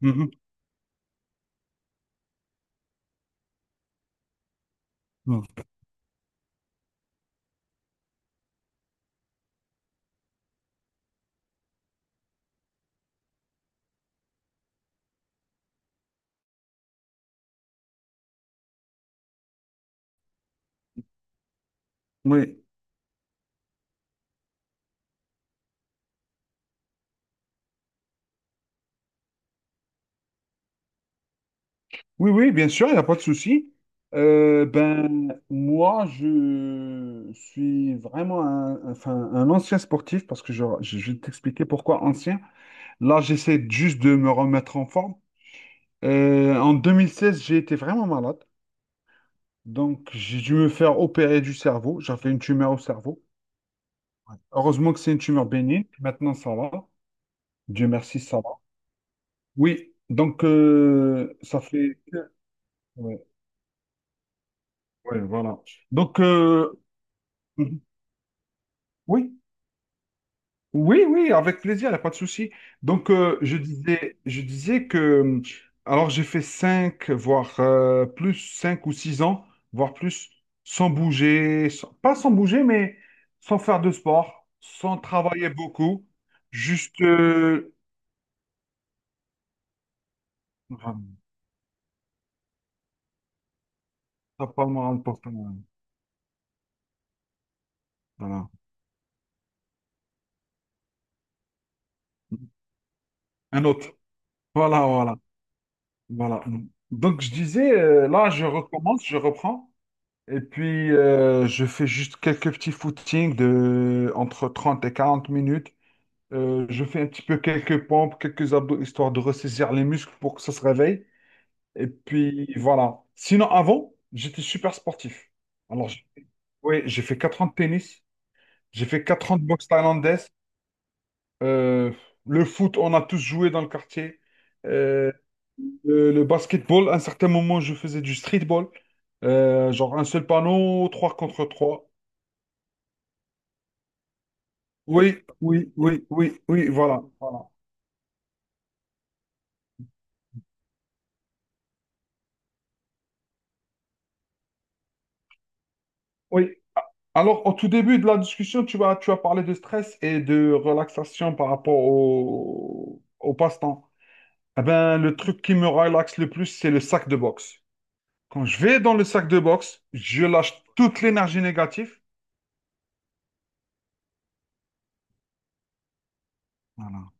Mhm. Mhm. Oui. Oui, oui, bien sûr, il n'y a pas de souci. Ben, moi, je suis vraiment un, enfin, un ancien sportif parce que je vais t'expliquer pourquoi ancien. Là, j'essaie juste de me remettre en forme. En 2016, j'ai été vraiment malade. Donc, j'ai dû me faire opérer du cerveau. J'avais une tumeur au cerveau. Ouais. Heureusement que c'est une tumeur bénigne. Maintenant, ça va. Dieu merci, ça va. Oui, donc, ça fait. Ouais, voilà. Donc, mhm. Oui, oui, oui, avec plaisir, il n'y a pas de souci. Donc, je disais que, alors j'ai fait 5 voire plus, 5 ou 6 ans, voire plus, sans bouger, pas sans bouger, mais sans faire de sport, sans travailler beaucoup, juste. Enfin, t'as pas le moral pour ça, voilà. Un autre. Voilà, voilà, voilà. Donc, je disais, là, je recommence, je reprends. Et puis, je fais juste quelques petits footings de entre 30 et 40 minutes. Je fais un petit peu quelques pompes, quelques abdos, histoire de ressaisir les muscles pour que ça se réveille. Et puis, voilà. Sinon, avant, j'étais super sportif. Alors, oui, j'ai fait 4 ans de tennis, j'ai fait 4 ans de boxe thaïlandaise. Euh, le foot, on a tous joué dans le quartier. Euh, le basketball, à un certain moment, je faisais du streetball. Genre un seul panneau, 3 contre 3. Oui, oui, oui, oui, oui, voilà, voilà. Oui. Alors, au tout début de la discussion, tu as parlé de stress et de relaxation par rapport au passe-temps. Eh ben, le truc qui me relaxe le plus, c'est le sac de boxe. Quand je vais dans le sac de boxe, je lâche toute l'énergie négative. Voilà.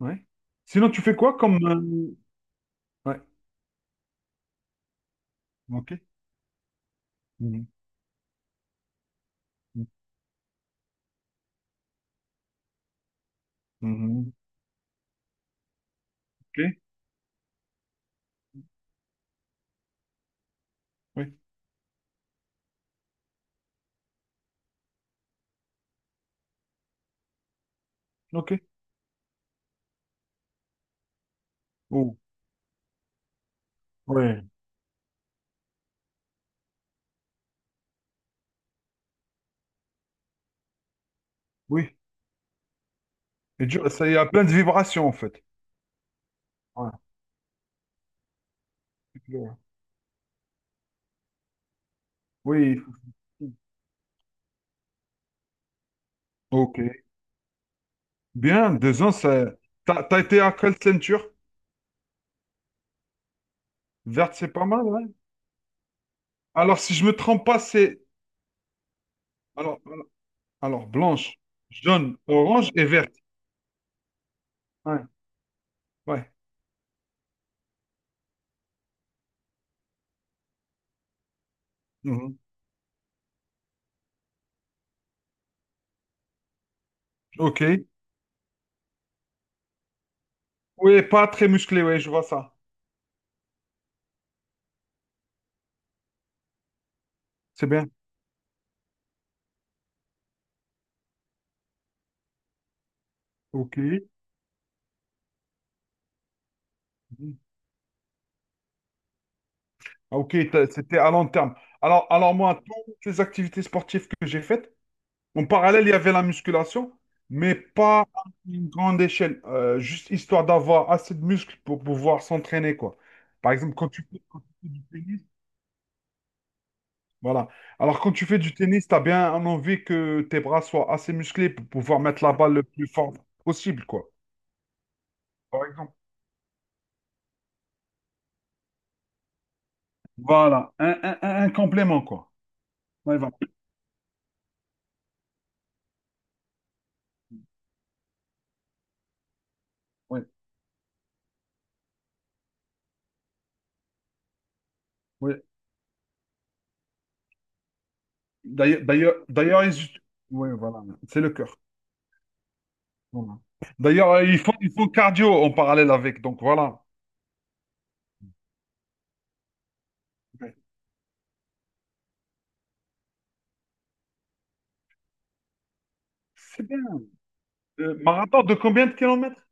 Oui. Sinon, tu fais quoi comme? Ouais. OK. Mhm. Mhm. OK. Oui. OK. Oh. Ouais. Oui. Et Dieu, ça, il y a plein de vibrations, en fait. Ouais. Oui, ok. Bien, 2 ans, ça. T'as été à quelle ceinture? Verte, c'est pas mal, ouais. Alors, si je me trompe pas, c'est. Alors, alors, alors, blanche, jaune, orange et verte. Ouais, ouais. Mhm. Ok. Oui, pas très musclé, oui, je vois ça. C'est bien. Ok. Mhm. Ah, ok, c'était à long terme. Alors moi, toutes les activités sportives que j'ai faites, en parallèle, il y avait la musculation, mais pas à une grande échelle, juste histoire d'avoir assez de muscles pour pouvoir s'entraîner, quoi. Par exemple, quand tu fais du tennis, voilà. Alors, quand tu fais du tennis, tu as bien envie que tes bras soient assez musclés pour pouvoir mettre la balle le plus fort possible, quoi. Par exemple. Voilà, un complément, quoi. Ouais, voilà. Ouais, ouais. D'ailleurs, ouais, voilà, c'est le cœur. Voilà. D'ailleurs, ils font cardio en parallèle avec, donc voilà. Ouais. C'est bien. Marathon de combien de kilomètres?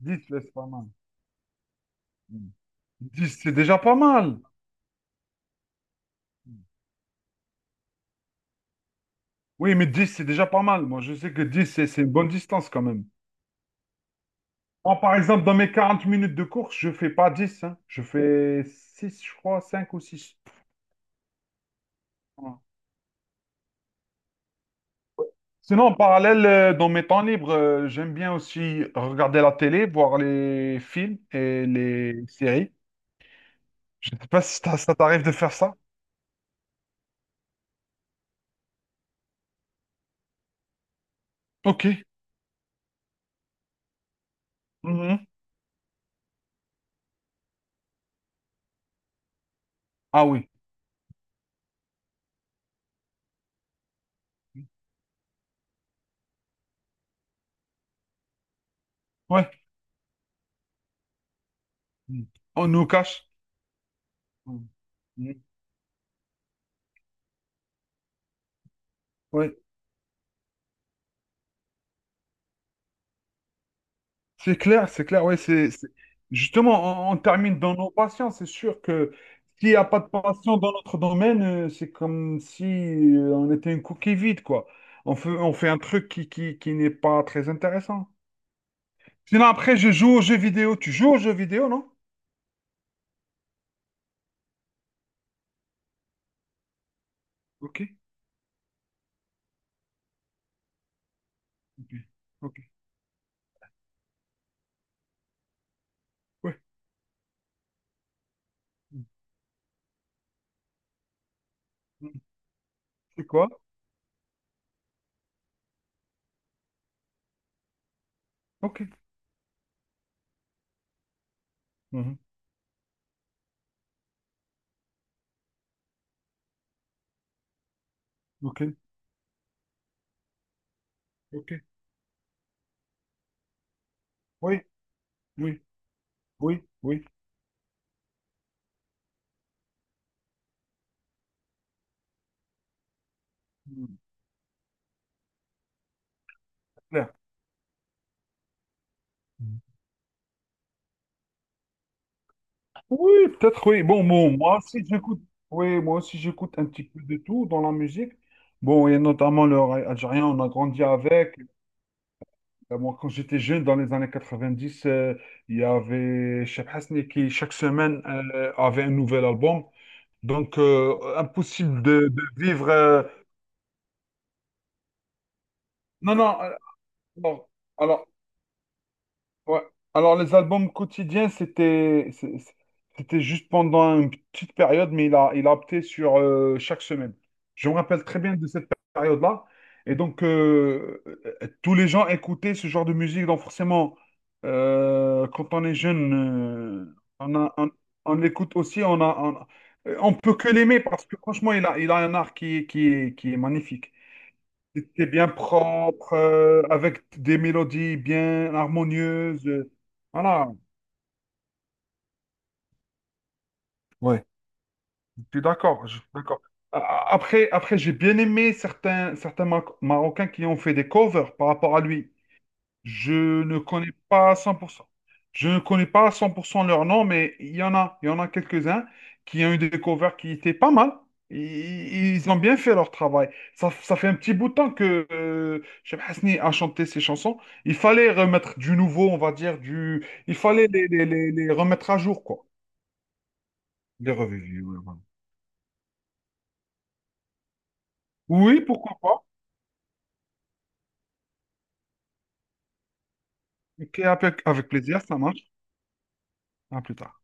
10, ouais, c'est pas mal. Mm. 10, c'est déjà pas mal. Oui, mais 10 c'est déjà pas mal. Moi, je sais que 10 c'est une bonne distance quand même. Moi, par exemple, dans mes 40 minutes de course, je fais pas 10, hein. Je fais six, je crois, cinq ou six. Voilà. Sinon, en parallèle, dans mes temps libres, j'aime bien aussi regarder la télé, voir les films et les séries. Je ne sais pas si ça t'arrive de faire ça. Ok. Mhm. Ah oui. Ouais. On nous cache. Mm. Mm. Ouais, c'est clair, c'est clair. Ouais. Justement, on termine dans nos passions. C'est sûr que s'il n'y a pas de passion dans notre domaine, c'est comme si on était une coquille vide, quoi. On fait un truc qui n'est pas très intéressant. Sinon, après, je joue aux jeux vidéo. Tu joues aux jeux vidéo, non? Ok. Ok. Ok. Ouais. Mm. Mm. C'est quoi? Ok. Mhm. Ok. Ok. Oui. Oui. Oui. Oui. Mm. Clair. Oui, peut-être, oui. Bon, moi aussi, j'écoute. Oui, moi aussi, j'écoute un petit peu de tout dans la musique. Bon, et notamment le raï algérien, on a grandi avec. Moi, quand j'étais jeune, dans les années 90, il y avait Cheb Hasni qui, chaque semaine, avait un nouvel album. Donc, impossible de vivre. Non, non. Alors, alors, Ouais. Alors, les albums quotidiens, c'était juste pendant une petite période, mais il a opté sur chaque semaine. Je me rappelle très bien de cette période-là. Et donc, tous les gens écoutaient ce genre de musique. Donc, forcément, quand on est jeune, on l'écoute aussi. On peut que l'aimer parce que, franchement, il a un art qui est magnifique. C'était bien propre, avec des mélodies bien harmonieuses. Voilà. Ouais, je suis d'accord, je suis d'accord. Après, j'ai bien aimé certains Marocains qui ont fait des covers par rapport à lui. Je ne connais pas à 100%. Je ne connais pas à 100% leur nom, mais il y en a quelques-uns qui ont eu des covers qui étaient pas mal. I- Ils ont bien fait leur travail. Ça fait un petit bout de temps que Cheb Hasni a chanté ces chansons. Il fallait remettre du nouveau, on va dire, du. Il fallait les remettre à jour, quoi. Les revues, oui, voilà. Oui, pourquoi pas. Ok, avec plaisir, ça marche. À plus tard.